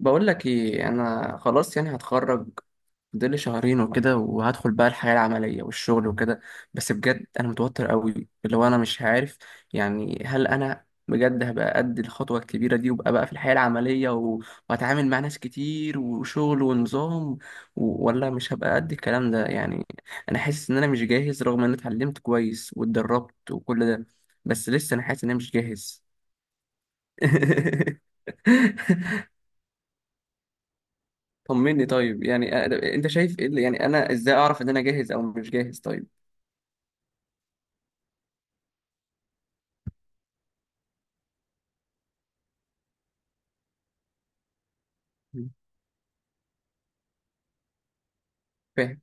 بقول لك ايه، انا خلاص يعني هتخرج. فاضل شهرين وكده وهدخل بقى الحياة العملية والشغل وكده. بس بجد انا متوتر قوي، اللي هو انا مش عارف يعني هل انا بجد هبقى قد الخطوة الكبيرة دي وابقى بقى في الحياة العملية وهتعامل مع ناس كتير وشغل ونظام، ولا مش هبقى قد الكلام ده يعني. انا حاسس ان انا مش جاهز، رغم ان انا اتعلمت كويس واتدربت وكل ده، بس لسه انا حاسس ان انا مش جاهز. طمني طيب يعني انت شايف ايه يعني انا ازاي اعرف ان انا جاهز او مش جاهز طيب. مم. فاهم.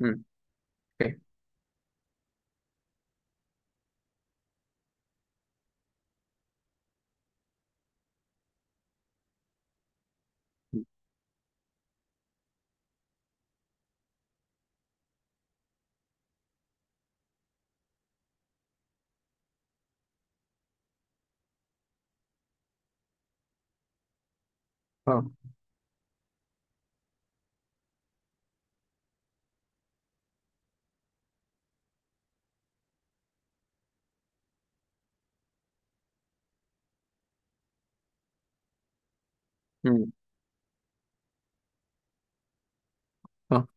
مم. فاهم. مم. اه. مم. اه.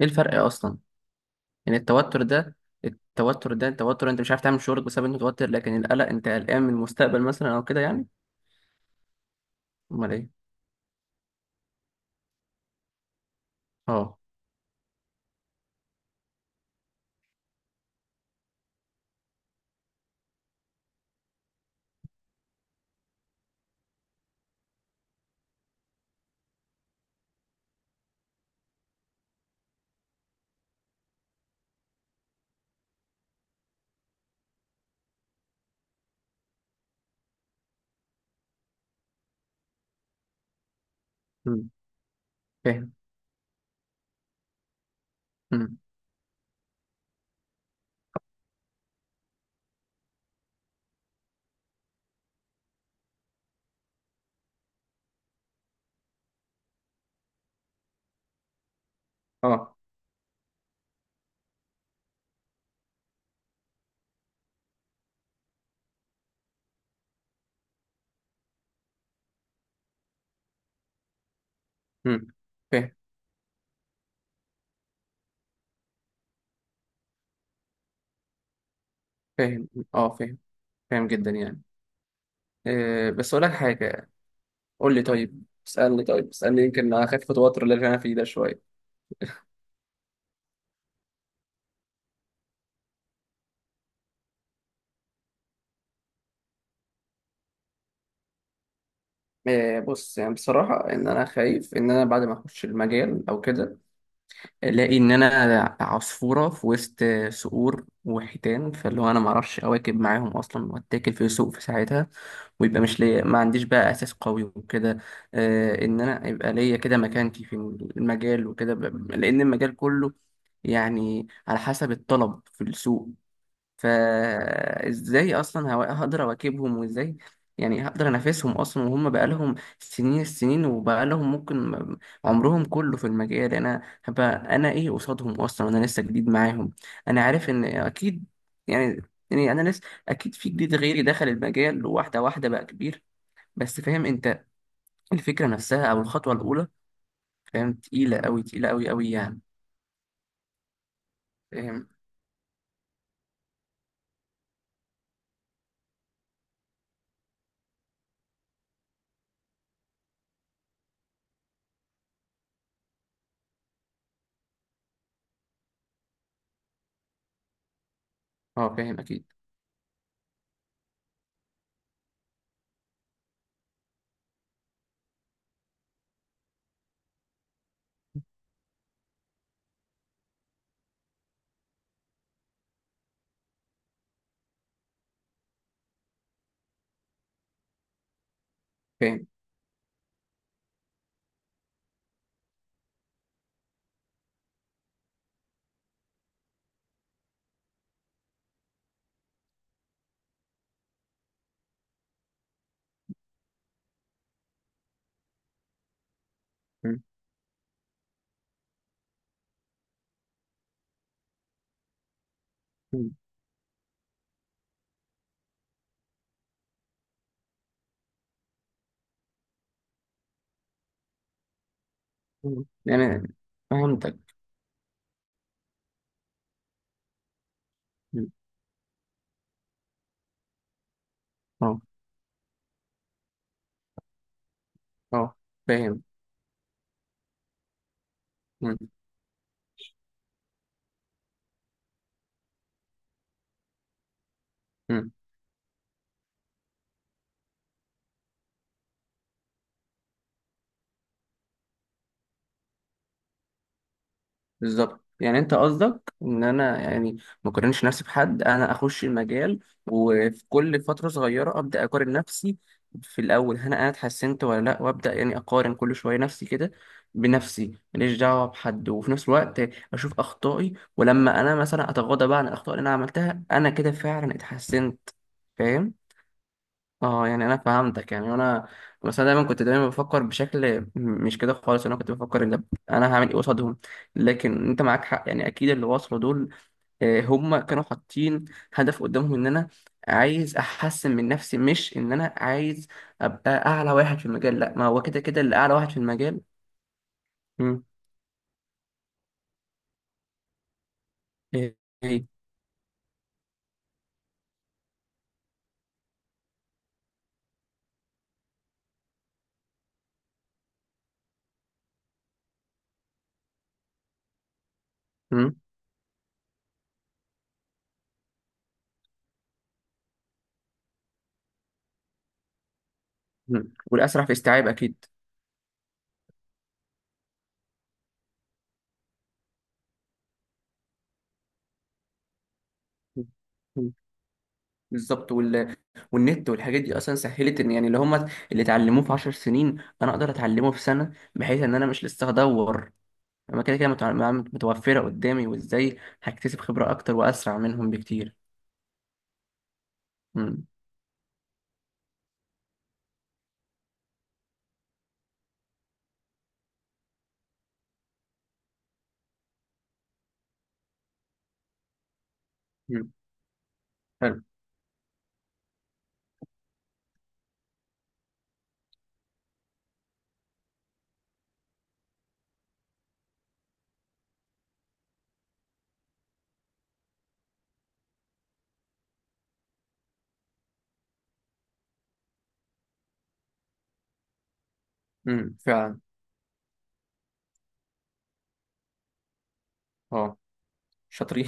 ايه الفرق اصلا؟ يعني التوتر انت مش عارف تعمل شغلك بسبب انت متوتر، لكن القلق انت قلقان من المستقبل مثلا او كده يعني. امال ايه. اه. مم. فاهم. مم. اه. مم. فاهم. فاهم. اه فاهم. فاهم جدا يعني. أه بس اقول لك حاجه. قول لي طيب، اسالني طيب اسالني يمكن اخف توتر اللي انا فيه ده شويه. آه، بص يعني بصراحة إن أنا خايف إن أنا بعد ما أخش المجال أو كده ألاقي إن أنا عصفورة في وسط صقور وحيتان، فاللي هو أنا معرفش أواكب معاهم أصلا وأتاكل في سوق في ساعتها، ويبقى مش ليا، ما عنديش بقى أساس قوي وكده. آه، إن أنا يبقى ليا كده مكانتي في المجال وكده، لأن المجال كله يعني على حسب الطلب في السوق. فازاي اصلا هقدر اواكبهم، وازاي يعني هقدر انافسهم اصلا وهم بقالهم سنين السنين وبقالهم ممكن عمرهم كله في المجال. انا هبقى انا ايه قصادهم اصلا؟ انا لسه جديد معاهم. انا عارف ان اكيد يعني، يعني انا لسه، اكيد في جديد غيري دخل المجال واحده واحده بقى كبير، بس فاهم انت الفكره نفسها او الخطوه الاولى. فاهم تقيله قوي، تقيله قوي قوي يعني. فاهم. اه فاهم اكيد. فاهم. م- م- م. يعني فهمتك. اه. اه فاهم. مم، مم، بالظبط. يعني انت قصدك ان انا يعني ما اقارنش نفسي بحد، انا اخش المجال وفي كل فتره صغيره ابدا اقارن نفسي في الاول هل انا اتحسنت ولا لا، وابدا يعني اقارن كل شويه نفسي كده بنفسي، ماليش دعوه بحد، وفي نفس الوقت اشوف اخطائي، ولما انا مثلا اتغاضى بقى عن الاخطاء اللي انا عملتها انا كده فعلا اتحسنت. فاهم. اه يعني انا فهمتك يعني انا، بس انا دايما كنت دايما بفكر بشكل مش كده خالص، انا كنت بفكر ان انا هعمل ايه قصادهم. لكن انت معاك حق، يعني اكيد اللي وصلوا دول آه، هم كانوا حاطين هدف قدامهم ان انا عايز احسن من نفسي، مش ان انا عايز ابقى اعلى واحد في المجال، لا، ما هو كده كده اللي اعلى واحد في المجال. مم. ايه ايه. مم. مم. والاسرع في استيعاب اكيد. مم. بالظبط. والنت والحاجات دي اصلا سهلت ان يعني اللي هم اللي اتعلموه في 10 سنين انا اقدر اتعلمه في سنه، بحيث ان انا مش لسه هدور، انا كده كده متوفره قدامي، وازاي هكتسب خبره اكتر واسرع منهم بكتير. امم. امم. حلو. فعلا. اه شاطرين.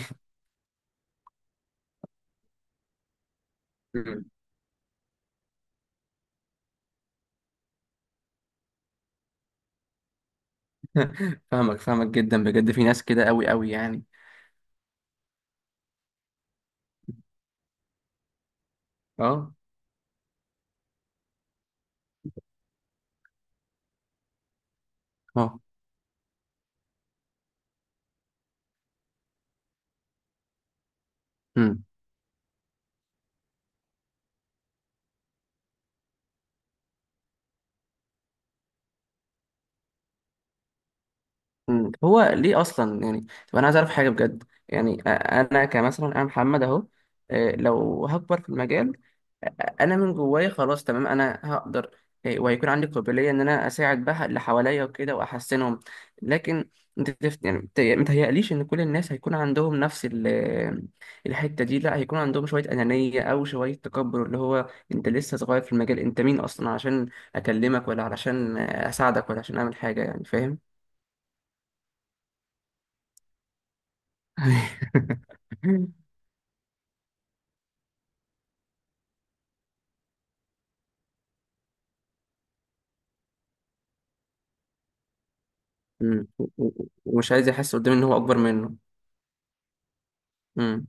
أمم. فاهمك، فاهمك جدا بجد، في ناس كده قوي قوي يعني. اه. اه. امم. أمم. هو ليه اصلا يعني؟ طب انا عايز اعرف حاجه بجد. يعني انا كمثلا انا محمد اهو، آه، لو هكبر في المجال انا من جوايا خلاص تمام انا هقدر. إيه، وهيكون عندي قابليه ان انا اساعد بقى اللي حواليا وكده واحسنهم. لكن انت يعني متهيأليش ان كل الناس هيكون عندهم نفس الحته دي، لا، هيكون عندهم شويه انانيه او شويه تكبر، اللي هو انت لسه صغير في المجال، انت مين اصلا عشان اكلمك، ولا علشان اساعدك، ولا عشان اعمل حاجه يعني، فاهم. مم. ومش عايز يحس قدامي ان هو اكبر منه.